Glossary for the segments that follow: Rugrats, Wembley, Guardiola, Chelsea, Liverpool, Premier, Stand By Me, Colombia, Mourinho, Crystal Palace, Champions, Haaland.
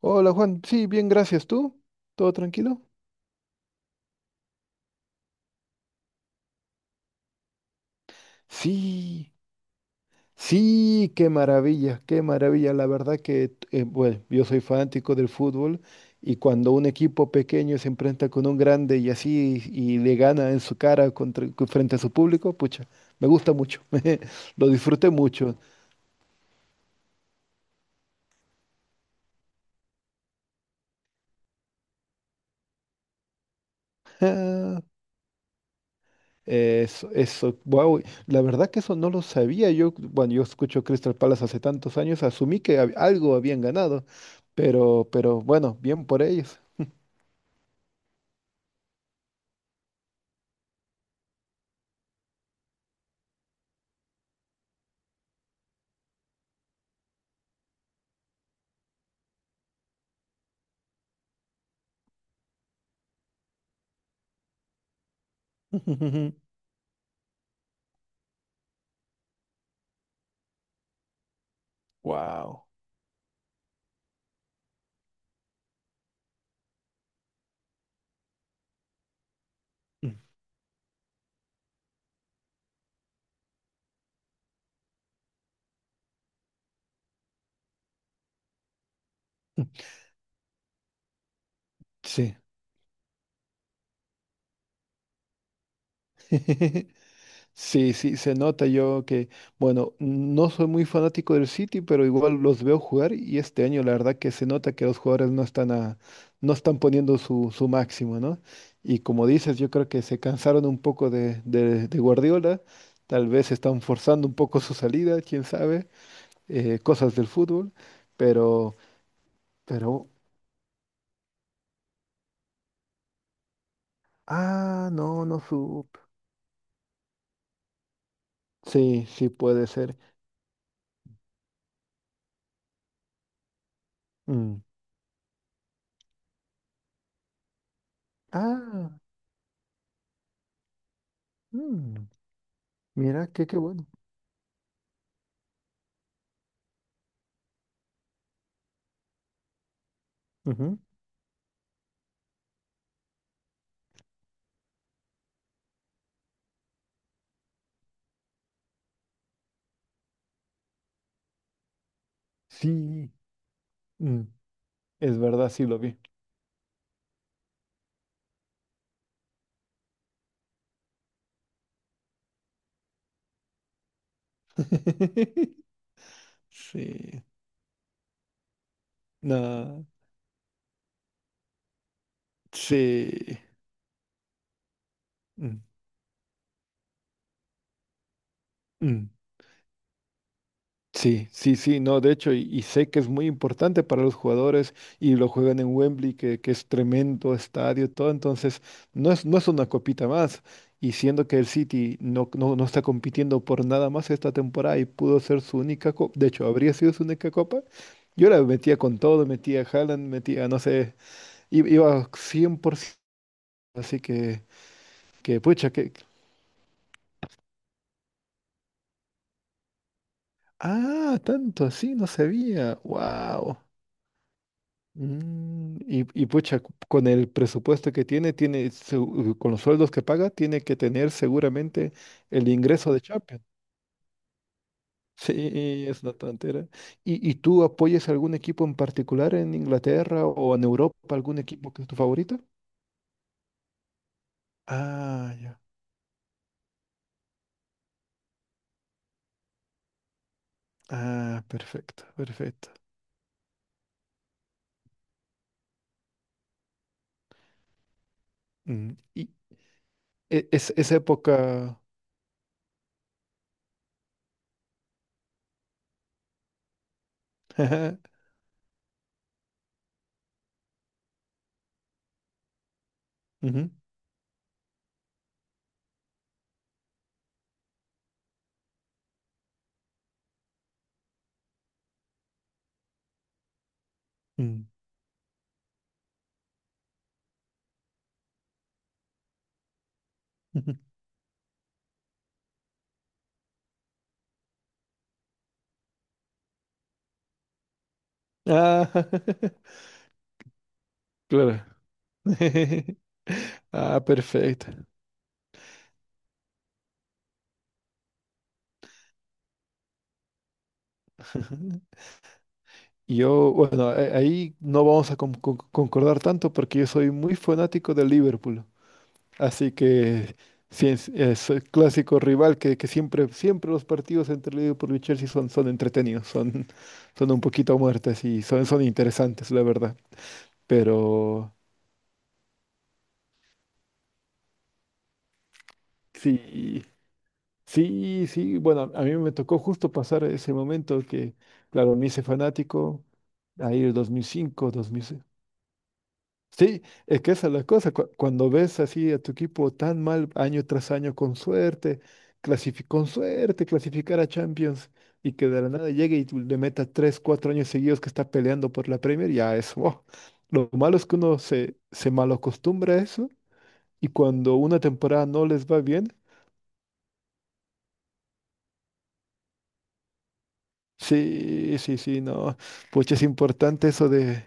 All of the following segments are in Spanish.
Hola Juan, sí, bien, gracias. ¿Tú? ¿Todo tranquilo? Sí, sí, qué maravilla, qué maravilla. La verdad que, bueno, yo soy fanático del fútbol y cuando un equipo pequeño se enfrenta con un grande y así y le gana en su cara frente a su público, pucha, me gusta mucho, lo disfruté mucho. Eso, wow, la verdad que eso no lo sabía. Yo, bueno, yo escucho Crystal Palace hace tantos años, asumí que algo habían ganado, pero bueno, bien por ellos. Wow. Sí. Sí, sí, se nota yo que, bueno, no soy muy fanático del City, pero igual los veo jugar y este año la verdad que se nota que los jugadores no están poniendo su máximo, ¿no? Y como dices, yo creo que se cansaron un poco de Guardiola, tal vez están forzando un poco su salida, quién sabe, cosas del fútbol, pero, pero, ah, no, no sub. Sí, sí puede ser. Mm. Ah, mm, mira, qué, qué bueno. Sí, mm, es verdad, sí lo vi. Sí, no, sí, mm, mm, sí, sí, sí, no, de hecho, y sé que es muy importante para los jugadores y lo juegan en Wembley, que es tremendo estadio, todo, entonces no es, no es una copita más. Y siendo que el City no, no, no está compitiendo por nada más esta temporada y pudo ser su única copa, de hecho, habría sido su única copa, yo la metía con todo, metía a Haaland, metía, no sé, iba 100%. Así que pucha, que... Ah, tanto así, no sabía. Wow. Y, y pucha, con el presupuesto que tiene, tiene con los sueldos que paga, tiene que tener seguramente el ingreso de Champions. Sí, es una tontera. Y tú apoyas algún equipo en particular en Inglaterra o en Europa, algún equipo que es tu favorito? Ah, ya. Ah, perfecto, perfecto. Mm. Y es, esa época... Ujú, mm. Ah, claro. Ah, perfecto. Yo, bueno, ahí no vamos a concordar tanto porque yo soy muy fanático del Liverpool. Así que sí, es el clásico rival que siempre, siempre los partidos entre Liverpool y Chelsea son, son entretenidos, son, son un poquito muertes y son, son interesantes, la verdad. Pero sí. Sí, sí, bueno, a mí me tocó justo pasar ese momento que, claro, me hice fanático, ahí el 2005, 2006. Sí, es que esa es la cosa, cuando ves así a tu equipo tan mal año tras año con suerte, con suerte clasificar a Champions y que de la nada llegue y tú le meta tres, cuatro años seguidos que está peleando por la Premier, ya es, wow. Lo malo es que uno se malacostumbra a eso y cuando una temporada no les va bien, sí, sí, sí, no. Pues es importante eso de,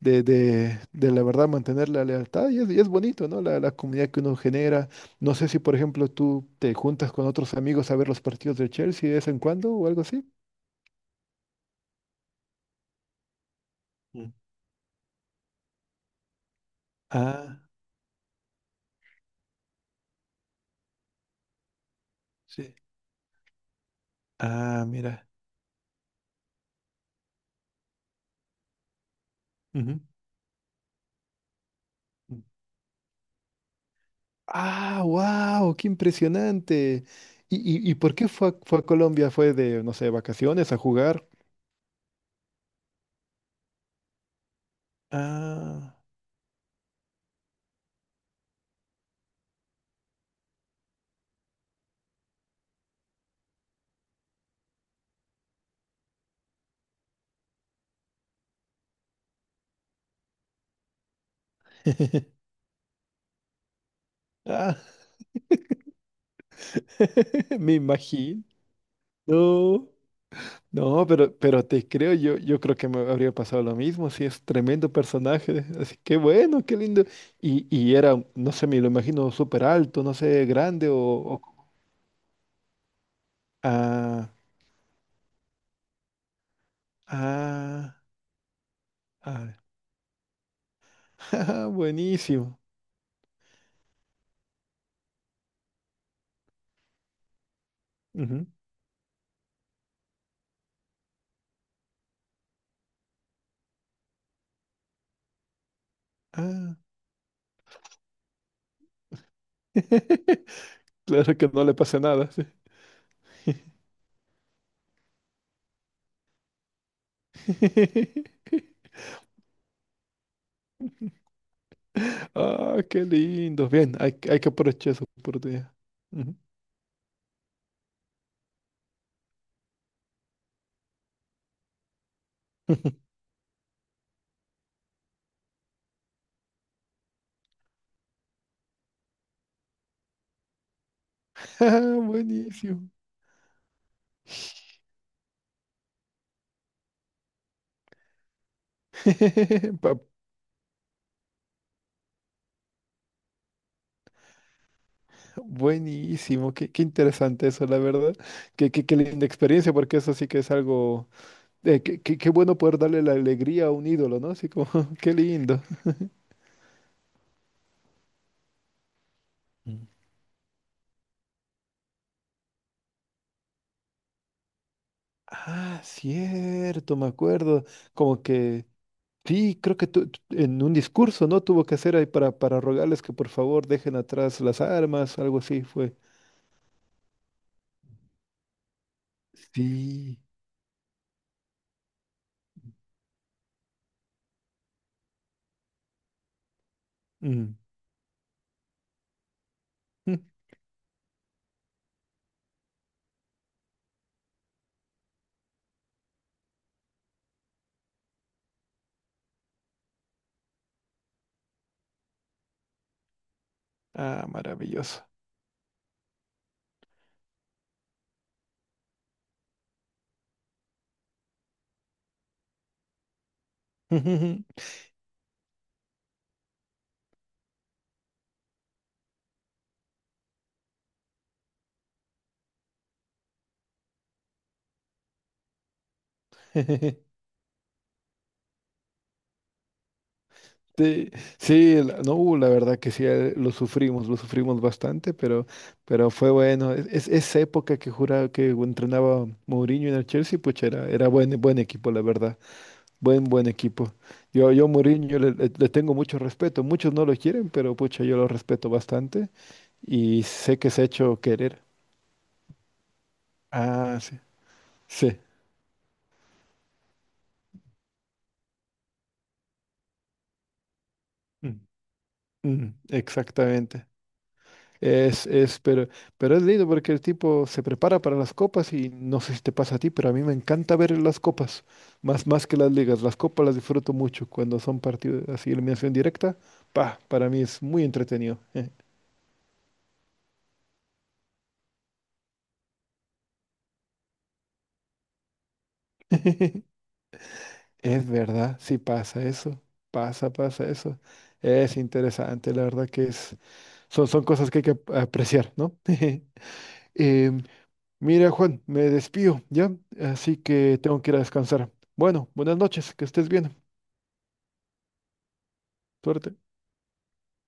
de, de, de la verdad mantener la lealtad y es bonito, ¿no? La comunidad que uno genera. No sé si, por ejemplo, tú te juntas con otros amigos a ver los partidos de Chelsea de vez en cuando o algo así. Mm. Ah. Sí. Ah, mira. Ujú. Mm. Ah, wow, qué impresionante. Y por qué fue, fue a Colombia? ¿Fue de, no sé, vacaciones a jugar? Ah, ah, me imagino. No, no, pero te creo, yo creo que me habría pasado lo mismo, sí, es tremendo personaje, así que bueno, qué lindo. Y era, no sé, me lo imagino súper alto, no sé, grande o... ah, ah, ah, jaja, buenísimo. Ujú, ah. Claro que no le pasa nada. Sí. Ah, qué lindo. Bien, hay, hay que aprovechar esa oportunidad. Ujú. Ah, buenísimo. Pa- Buenísimo, qué, qué interesante eso, la verdad. Qué, qué, qué linda experiencia, porque eso sí que es algo... qué, qué bueno poder darle la alegría a un ídolo, ¿no? Así como, qué lindo. Mm. Ah, cierto, me acuerdo. Como que, sí, creo que en un discurso, ¿no? Tuvo que hacer ahí para rogarles que por favor dejen atrás las armas, algo así fue. Sí. Mm. Ah, maravilloso. Sí, sí, no, la verdad que sí, lo sufrimos bastante, pero fue bueno. Es, esa época que juraba que entrenaba Mourinho en el Chelsea, pues era, era buen, buen equipo, la verdad. Buen, buen equipo. Yo a Mourinho le, le tengo mucho respeto. Muchos no lo quieren, pero pucha, yo lo respeto bastante y sé que se ha hecho querer. Ah, sí, sí. Mm, mm, exactamente. Es, pero es lindo porque el tipo se prepara para las copas y no sé si te pasa a ti, pero a mí me encanta ver las copas, más, más que las ligas. Las copas las disfruto mucho cuando son partidos así, eliminación directa. Pa, para mí es muy entretenido. Es verdad, sí pasa eso, pasa, pasa eso. Es interesante, la verdad que es, son, son cosas que hay que apreciar, ¿no? Em, mira, Juan, me despido, ¿ya? Así que tengo que ir a descansar. Bueno, buenas noches, que estés bien. Suerte.